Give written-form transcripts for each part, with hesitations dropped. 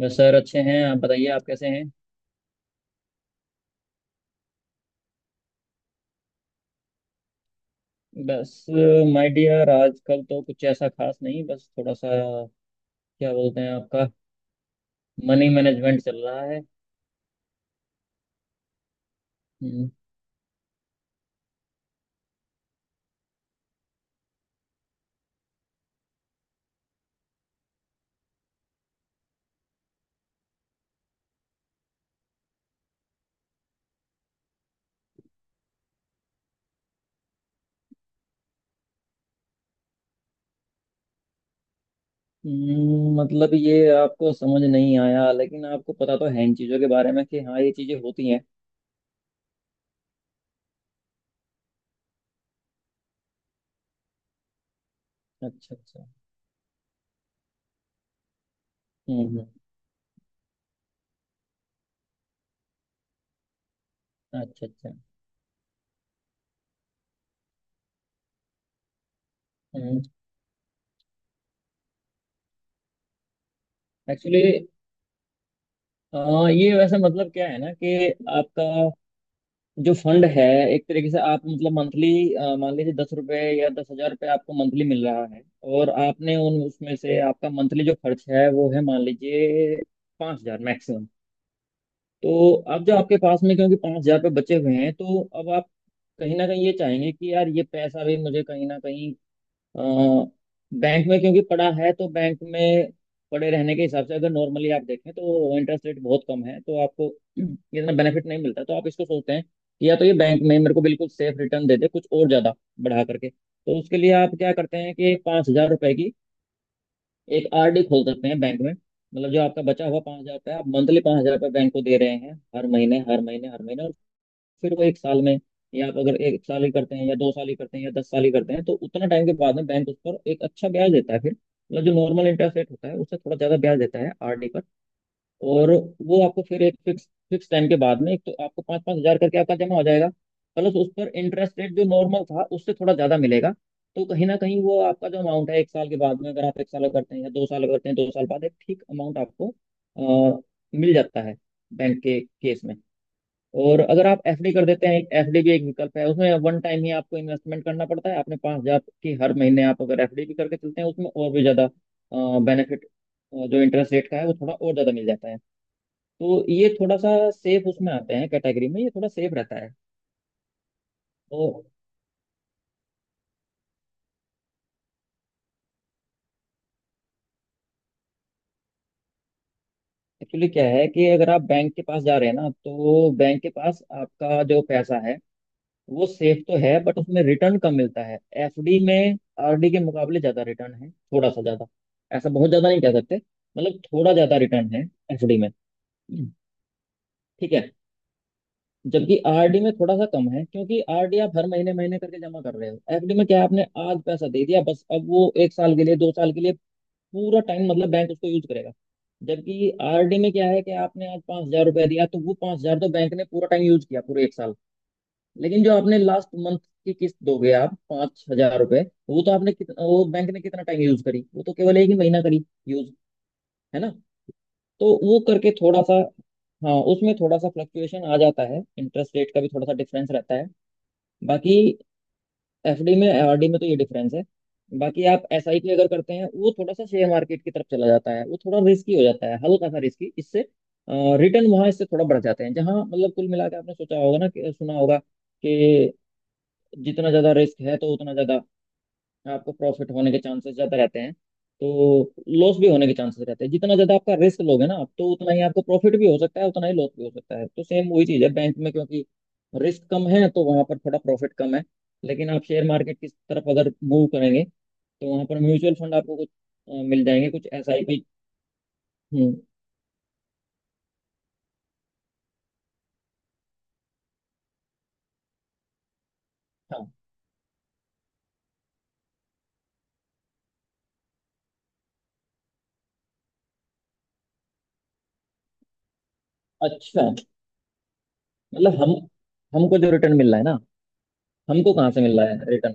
बस, सर, अच्छे हैं। आप बताइए, आप कैसे हैं। बस, माय डियर, आजकल तो कुछ ऐसा खास नहीं, बस थोड़ा सा क्या बोलते हैं आपका, मनी मैनेजमेंट चल रहा है। हम्म। हम्म। मतलब, ये आपको समझ नहीं आया, लेकिन आपको पता तो है इन चीज़ों के बारे में कि हाँ, ये चीज़ें होती हैं। अच्छा, अच्छा। हम्म। हम्म। अच्छा, अच्छा। एक्चुअली, ये वैसे मतलब क्या है ना कि आपका जो फंड है, एक तरीके से आप मतलब मंथली, मान लीजिए 10 रुपए या 10,000 रुपये आपको मंथली मिल रहा है। और आपने उन उसमें से आपका मंथली जो खर्च है वो है, मान लीजिए, 5,000 मैक्सिमम। तो अब जो आपके पास में क्योंकि 5,000 रुपये बचे हुए हैं, तो अब आप कहीं ना कहीं ये चाहेंगे कि यार, ये पैसा भी मुझे कहीं ना कहीं अ, बैंक में क्योंकि पड़ा है, तो बैंक में पड़े रहने के हिसाब से अगर नॉर्मली आप देखें तो इंटरेस्ट रेट बहुत कम है, तो आपको इतना बेनिफिट नहीं मिलता। तो आप इसको सोचते हैं कि या तो ये बैंक में मेरे को बिल्कुल सेफ रिटर्न दे दे कुछ और ज्यादा बढ़ा करके। तो उसके लिए आप क्या करते हैं कि 5,000 रुपए की एक आरडी खोल सकते हैं बैंक में, मतलब जो आपका बचा हुआ 5,000 रुपये, आप मंथली 5,000 रुपये बैंक को दे रहे हैं हर महीने, हर महीने, हर महीने। और फिर वो एक साल में, या आप अगर एक साल ही करते हैं या 2 साल ही करते हैं या 10 साल ही करते हैं, तो उतना टाइम के बाद में बैंक उस पर एक अच्छा ब्याज देता है। फिर मतलब जो नॉर्मल इंटरेस्ट रेट होता है उससे थोड़ा ज्यादा ब्याज देता है आरडी पर। और वो आपको फिर एक फिक्स फिक्स टाइम के बाद में, एक तो आपको पाँच पाँच हजार करके आपका जमा हो जाएगा, प्लस उस पर इंटरेस्ट रेट जो नॉर्मल था उससे थोड़ा ज्यादा मिलेगा। तो कहीं ना कहीं वो आपका जो अमाउंट है एक साल के बाद में, अगर आप एक साल करते हैं या 2 साल करते हैं, 2 साल बाद एक ठीक अमाउंट आपको अ, मिल जाता है बैंक के केस में। और अगर आप एफडी कर देते हैं, एक एफडी भी एक विकल्प है। उसमें वन टाइम ही आपको इन्वेस्टमेंट करना पड़ता है। आपने 5,000 की हर महीने, आप अगर एफडी भी करके चलते हैं, उसमें और भी ज्यादा बेनिफिट जो इंटरेस्ट रेट का है वो थोड़ा और ज्यादा मिल जाता है। तो ये थोड़ा सा सेफ उसमें आते हैं कैटेगरी में, ये थोड़ा सेफ रहता है। तो एक्चुअली क्या है कि अगर आप बैंक के पास जा रहे हैं ना, तो बैंक के पास आपका जो पैसा है वो सेफ तो है, बट उसमें रिटर्न कम मिलता है। एफडी में आरडी के मुकाबले ज्यादा रिटर्न है, थोड़ा सा ज्यादा। ऐसा बहुत ज्यादा नहीं कह सकते, मतलब थोड़ा ज्यादा रिटर्न है एफडी में। ठीक है। जबकि आरडी में थोड़ा सा कम है, क्योंकि आरडी आप हर महीने महीने करके जमा कर रहे हो। एफडी में क्या है, आपने आज पैसा दे दिया, बस अब वो एक साल के लिए, 2 साल के लिए पूरा टाइम मतलब बैंक उसको यूज करेगा। जबकि आरडी में क्या है कि आपने आज 5,000 रुपया दिया, तो वो 5,000 तो बैंक ने पूरा टाइम यूज किया, पूरे एक साल। लेकिन जो आपने लास्ट मंथ की किस्त दोगे आप 5,000 रुपए, वो तो आपने कितना, वो बैंक ने कितना टाइम यूज करी? वो तो केवल एक ही महीना करी यूज, है ना। तो वो करके थोड़ा सा, हाँ, उसमें थोड़ा सा फ्लक्चुएशन आ जाता है, इंटरेस्ट रेट का भी थोड़ा सा डिफरेंस रहता है। बाकी एफडी में आरडी में तो ये डिफरेंस है। बाकी आप एसआईपी अगर करते हैं, वो थोड़ा सा शेयर मार्केट की तरफ चला जाता है, वो थोड़ा रिस्की हो जाता है, हल्का सा रिस्की इससे। रिटर्न वहां इससे थोड़ा बढ़ जाते हैं, जहाँ मतलब कुल मिला के आपने सोचा होगा ना कि सुना होगा कि जितना ज़्यादा रिस्क है, तो उतना ज़्यादा आपको प्रॉफिट होने के चांसेस ज़्यादा रहते हैं। तो लॉस भी होने के चांसेस रहते हैं, जितना ज़्यादा आपका रिस्क लोगे ना आप, तो उतना ही आपको प्रॉफिट भी हो सकता है, उतना ही लॉस भी हो सकता है। तो सेम वही चीज़ है, बैंक में क्योंकि रिस्क कम है तो वहाँ पर थोड़ा प्रॉफिट कम है। लेकिन आप शेयर मार्केट की तरफ अगर मूव करेंगे, तो वहाँ पर म्यूचुअल फंड आपको कुछ मिल जाएंगे, कुछ एसआईपी। हम्म। हाँ, अच्छा, मतलब हम हमको जो रिटर्न मिल रहा है ना, हमको कहाँ से मिल रहा है रिटर्न।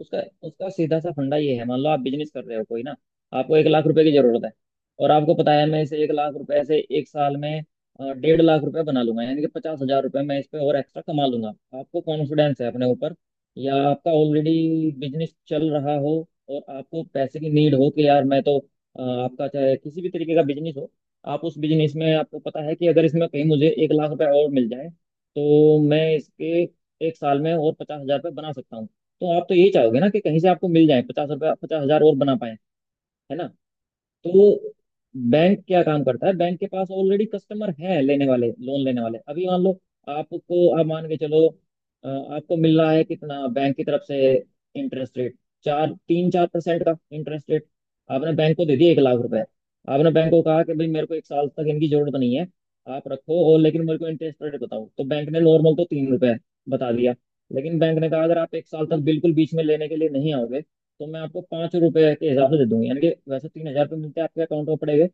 उसका उसका सीधा सा फंडा ये है, मान लो आप बिजनेस कर रहे हो कोई ना। आपको 1 लाख रुपए की जरूरत है, और आपको पता है मैं इसे 1 लाख रुपए से एक साल में 1.5 लाख रुपए बना लूंगा, यानी कि 50,000 रुपए मैं इस पे और एक्स्ट्रा कमा लूंगा। आपको कॉन्फिडेंस है अपने ऊपर, या आपका ऑलरेडी बिजनेस चल रहा हो, और आपको पैसे की नीड हो कि यार, मैं तो आपका चाहे किसी भी तरीके का बिजनेस हो, आप उस बिजनेस में आपको पता है कि अगर इसमें कहीं मुझे 1 लाख रुपए और मिल जाए, तो मैं इसके एक साल में और 50,000 रुपये बना सकता हूँ। तो आप तो यही चाहोगे ना कि कहीं से आपको मिल जाए 50 रुपया, 50,000 और बना पाए, है ना। तो बैंक क्या काम करता है, बैंक के पास ऑलरेडी कस्टमर है लेने वाले, लोन लेने वाले। अभी मान लो आपको, आप मान के चलो अ, आपको मिल रहा है कितना बैंक की तरफ से, इंटरेस्ट रेट, चार तीन 4% का इंटरेस्ट रेट। आपने बैंक को दे दिया 1 लाख रुपए। आपने बैंक को कहा कि भाई, मेरे को एक साल तक इनकी जरूरत नहीं है, आप रखो, और लेकिन मेरे को इंटरेस्ट रेट बताओ। तो बैंक ने नॉर्मल तो 3 रुपए बता दिया, लेकिन बैंक ने कहा अगर आप एक साल तक बिल्कुल बीच में लेने के लिए नहीं आओगे तो मैं आपको 5 रुपए के हिसाब से दे दूंगी, यानी कि वैसे 3,000 रुपये मिलते हैं आपके अकाउंट में पड़ेंगे।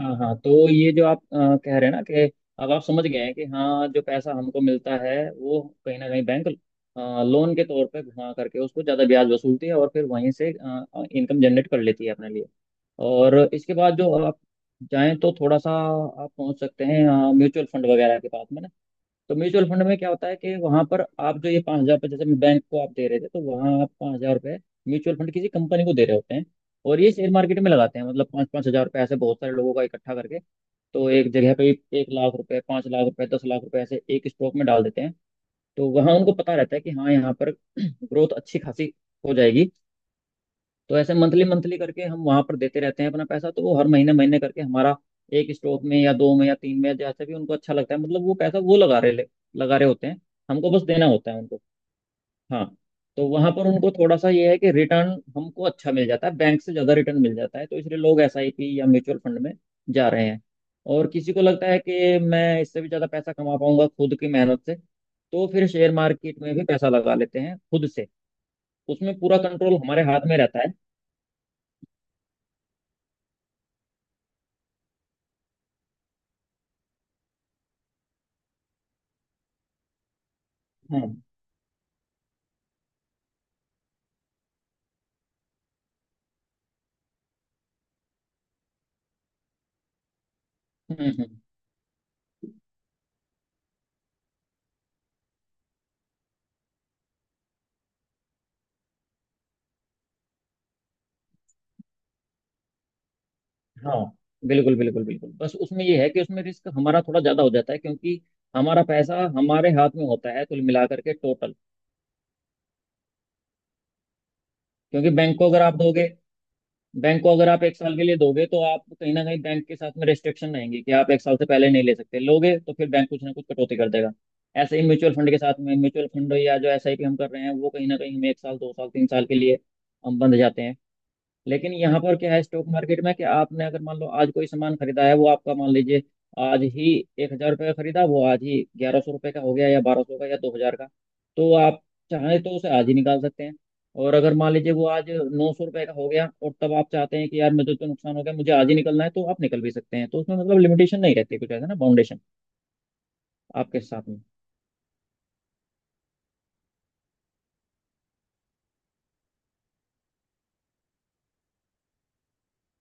हाँ, हाँ, तो ये जो आप कह रहे हैं ना कि अब आप समझ गए हैं कि हाँ, जो पैसा हमको मिलता है वो कहीं ना कहीं बैंक लोन के तौर पे घुमा करके उसको ज़्यादा ब्याज वसूलती है और फिर वहीं से इनकम जनरेट कर लेती है अपने लिए। और इसके बाद जो आप चाहें तो थोड़ा सा आप पहुंच सकते हैं म्यूचुअल फंड वगैरह के पास में ना। तो म्यूचुअल फंड में क्या होता है कि वहां पर आप जो ये 5,000 रुपये जैसे बैंक को आप दे रहे थे, तो वहां आप 5,000 रुपये म्यूचुअल फंड किसी कंपनी को दे रहे होते हैं और ये शेयर मार्केट में लगाते हैं, मतलब पाँच पाँच हजार रुपये ऐसे बहुत सारे लोगों का इकट्ठा करके, तो एक जगह पे 1 लाख रुपए, 5 लाख रुपए, 10 लाख रुपए ऐसे एक स्टॉक में डाल देते हैं। तो वहां उनको पता रहता है कि हाँ, यहाँ पर ग्रोथ अच्छी खासी हो जाएगी। तो ऐसे मंथली मंथली करके हम वहां पर देते रहते हैं अपना पैसा, तो वो हर महीने महीने करके हमारा एक स्टॉक में या दो में या तीन में, जैसे भी उनको अच्छा लगता है, मतलब वो पैसा वो लगा रहे होते हैं। हमको बस देना होता है उनको। हाँ। तो वहां पर उनको थोड़ा सा ये है कि रिटर्न हमको अच्छा मिल जाता है, बैंक से ज्यादा रिटर्न मिल जाता है, तो इसलिए लोग एसआईपी या म्यूचुअल फंड में जा रहे हैं। और किसी को लगता है कि मैं इससे भी ज्यादा पैसा कमा पाऊंगा खुद की मेहनत से, तो फिर शेयर मार्केट में भी पैसा लगा लेते हैं खुद से। उसमें पूरा कंट्रोल हमारे हाथ में रहता है। हाँ। हम्म। हम्म। हाँ, बिल्कुल, बिल्कुल, बिल्कुल, बस उसमें ये है कि उसमें रिस्क हमारा थोड़ा ज्यादा हो जाता है, क्योंकि हमारा पैसा हमारे हाथ में होता है कुल मिलाकर के, टोटल। क्योंकि बैंक को अगर आप एक साल के लिए दोगे तो आप कहीं ना कहीं बैंक के साथ में रेस्ट्रिक्शन रहेंगी कि आप एक साल से पहले नहीं ले सकते, लोगे तो फिर बैंक कुछ ना कुछ कटौती कर देगा। ऐसे ही म्यूचुअल फंड के साथ में, म्यूचुअल फंड या जो एसआईपी हम कर रहे हैं, वो कहीं ना कहीं हमें एक साल, 2 साल, 3 साल के लिए हम बंध जाते हैं। लेकिन यहाँ पर क्या है स्टॉक मार्केट में कि आपने अगर मान लो आज कोई सामान खरीदा है, वो आपका मान लीजिए आज ही 1,000 रुपये का खरीदा, वो आज ही 1,100 रुपये का हो गया या 1,200 का या 2,000 का, तो आप चाहें तो उसे आज ही निकाल सकते हैं। और अगर मान लीजिए वो आज 900 रुपये का हो गया और तब आप चाहते हैं कि यार, मुझे तो नुकसान हो गया, मुझे आज ही निकलना है तो आप निकल भी सकते हैं। तो उसमें मतलब लिमिटेशन नहीं रहती, कुछ ऐसा ना, बाउंडेशन आपके साथ में।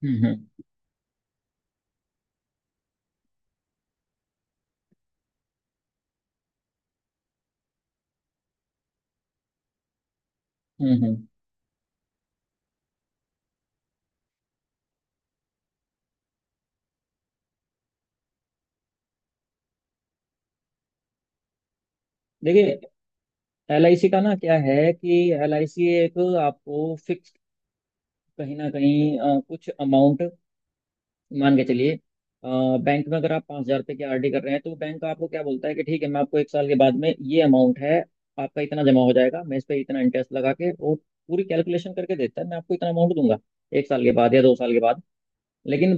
हम्म, हम्म, हम्म, देखिए, LIC का ना क्या है कि एल आई सी एक आपको फिक्स कहीं ना कहीं कुछ अमाउंट, मान के चलिए, बैंक में अगर आप 5,000 रुपये की RD कर रहे हैं तो बैंक आपको क्या बोलता है कि ठीक है, मैं आपको एक साल के बाद में ये अमाउंट है, आपका इतना जमा हो जाएगा, मैं इस पे इतना इंटरेस्ट लगा के और पूरी कैलकुलेशन करके देता है मैं आपको इतना अमाउंट दूंगा एक साल के बाद या 2 साल के बाद। लेकिन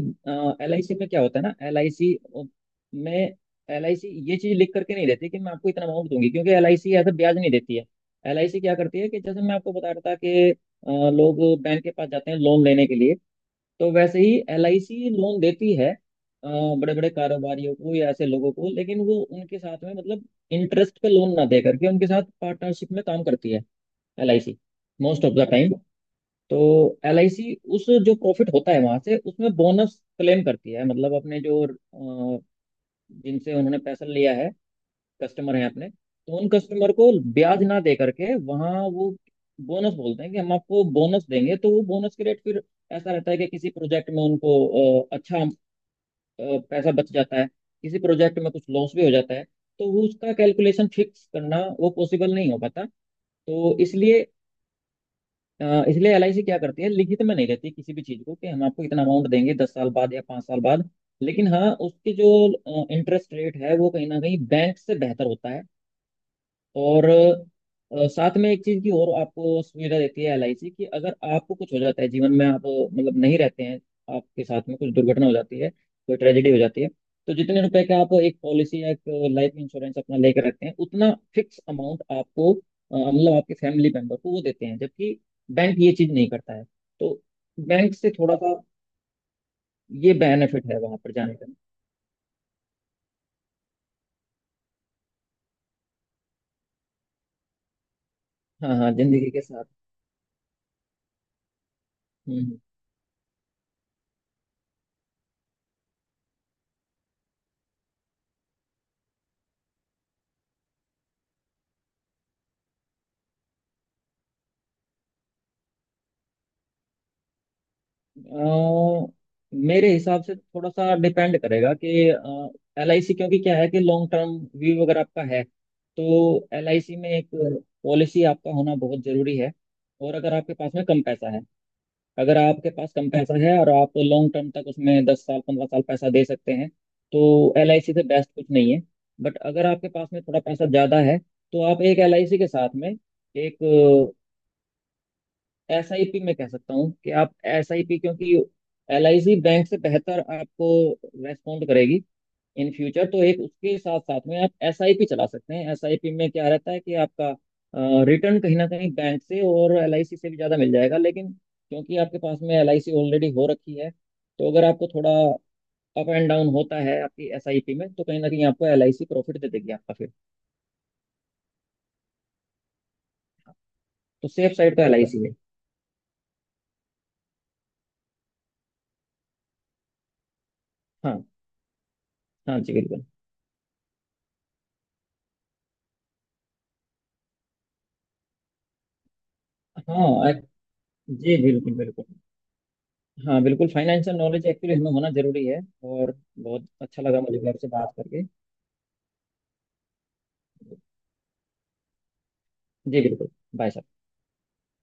एल आई सी में क्या होता है ना, एल आई सी में एल आई सी ये चीज लिख करके नहीं देती कि मैं आपको इतना अमाउंट दूंगी, क्योंकि एल आई सी ऐसा ब्याज नहीं देती है। एल आई सी क्या करती है कि जैसे मैं आपको बता रहा था कि लोग बैंक के पास जाते हैं लोन लेने के लिए, तो वैसे ही एल आई सी लोन देती है बड़े बड़े कारोबारियों को या ऐसे लोगों को, लेकिन वो उनके साथ में मतलब इंटरेस्ट पे लोन ना दे करके उनके साथ पार्टनरशिप में काम करती है L I C, most of the time. तो एल आई सी उस जो प्रॉफिट होता है वहां से उसमें बोनस क्लेम करती है, मतलब अपने जो अ, जिनसे उन्होंने पैसा लिया है कस्टमर हैं अपने, तो उन कस्टमर को ब्याज ना दे करके वहाँ वो बोनस बोलते हैं कि हम आपको बोनस देंगे। तो वो बोनस के रेट फिर ऐसा रहता है कि किसी प्रोजेक्ट में उनको अच्छा पैसा बच जाता है, किसी प्रोजेक्ट में कुछ लॉस भी हो जाता है, तो वो उसका कैलकुलेशन फिक्स करना वो पॉसिबल नहीं हो पाता। तो इसलिए LIC क्या करती है, लिखित में नहीं रहती किसी भी चीज़ को कि हम आपको इतना अमाउंट देंगे 10 साल बाद या 5 साल बाद। लेकिन हाँ, उसकी जो इंटरेस्ट रेट है वो कहीं ना कहीं बैंक से बेहतर होता है। और साथ में एक चीज की और आपको सुविधा देती है LIC, कि अगर आपको कुछ हो जाता है जीवन में, आप मतलब नहीं रहते हैं, आपके साथ में कुछ दुर्घटना हो जाती है, कोई ट्रेजेडी हो जाती है, तो जितने रुपए का आप एक पॉलिसी या एक लाइफ इंश्योरेंस अपना लेकर रखते हैं उतना फिक्स अमाउंट आपको, मतलब आपके फैमिली मेंबर को वो देते हैं, जबकि बैंक ये चीज नहीं करता है। तो बैंक से थोड़ा सा ये बेनिफिट है वहां पर जाने का। हाँ हाँ, जिंदगी के साथ। हम्म। अ, मेरे हिसाब से थोड़ा सा डिपेंड करेगा कि एल आई सी, क्योंकि क्या है कि लॉन्ग टर्म व्यू अगर आपका है तो एल आई सी में एक पॉलिसी आपका होना बहुत जरूरी है। और अगर आपके पास में कम पैसा है, अगर आपके पास कम पैसा है और आप लॉन्ग टर्म तक उसमें 10 साल 15 साल पैसा दे सकते हैं तो एल आई सी से बेस्ट कुछ नहीं है। बट अगर आपके पास में थोड़ा पैसा ज़्यादा है तो आप एक एल आई सी के साथ में एक SIP, मैं कह सकता हूँ कि आप एस आई पी, क्योंकि एल आई सी बैंक से बेहतर आपको रेस्पॉन्ड करेगी इन फ्यूचर। तो एक उसके साथ साथ में आप एस आई पी चला सकते हैं। एस आई पी में क्या रहता है कि आपका रिटर्न कहीं ना कहीं बैंक से और एल आई सी से भी ज़्यादा मिल जाएगा, लेकिन क्योंकि आपके पास में एल आई सी ऑलरेडी हो रखी है तो अगर आपको थोड़ा अप एंड डाउन होता है आपकी एस आई पी में तो कहीं ना कहीं आपको एल आई सी प्रॉफिट दे देगी आपका फिर। तो सेफ साइड का एल आई सी है। हाँ, हाँ जी बिल्कुल। हाँ जी बिल्कुल बिल्कुल। हाँ बिल्कुल, फाइनेंशियल नॉलेज एक्चुअली हमें होना जरूरी है। और बहुत अच्छा लगा मुझे भी आपसे बात करके। जी बिल्कुल। बाय।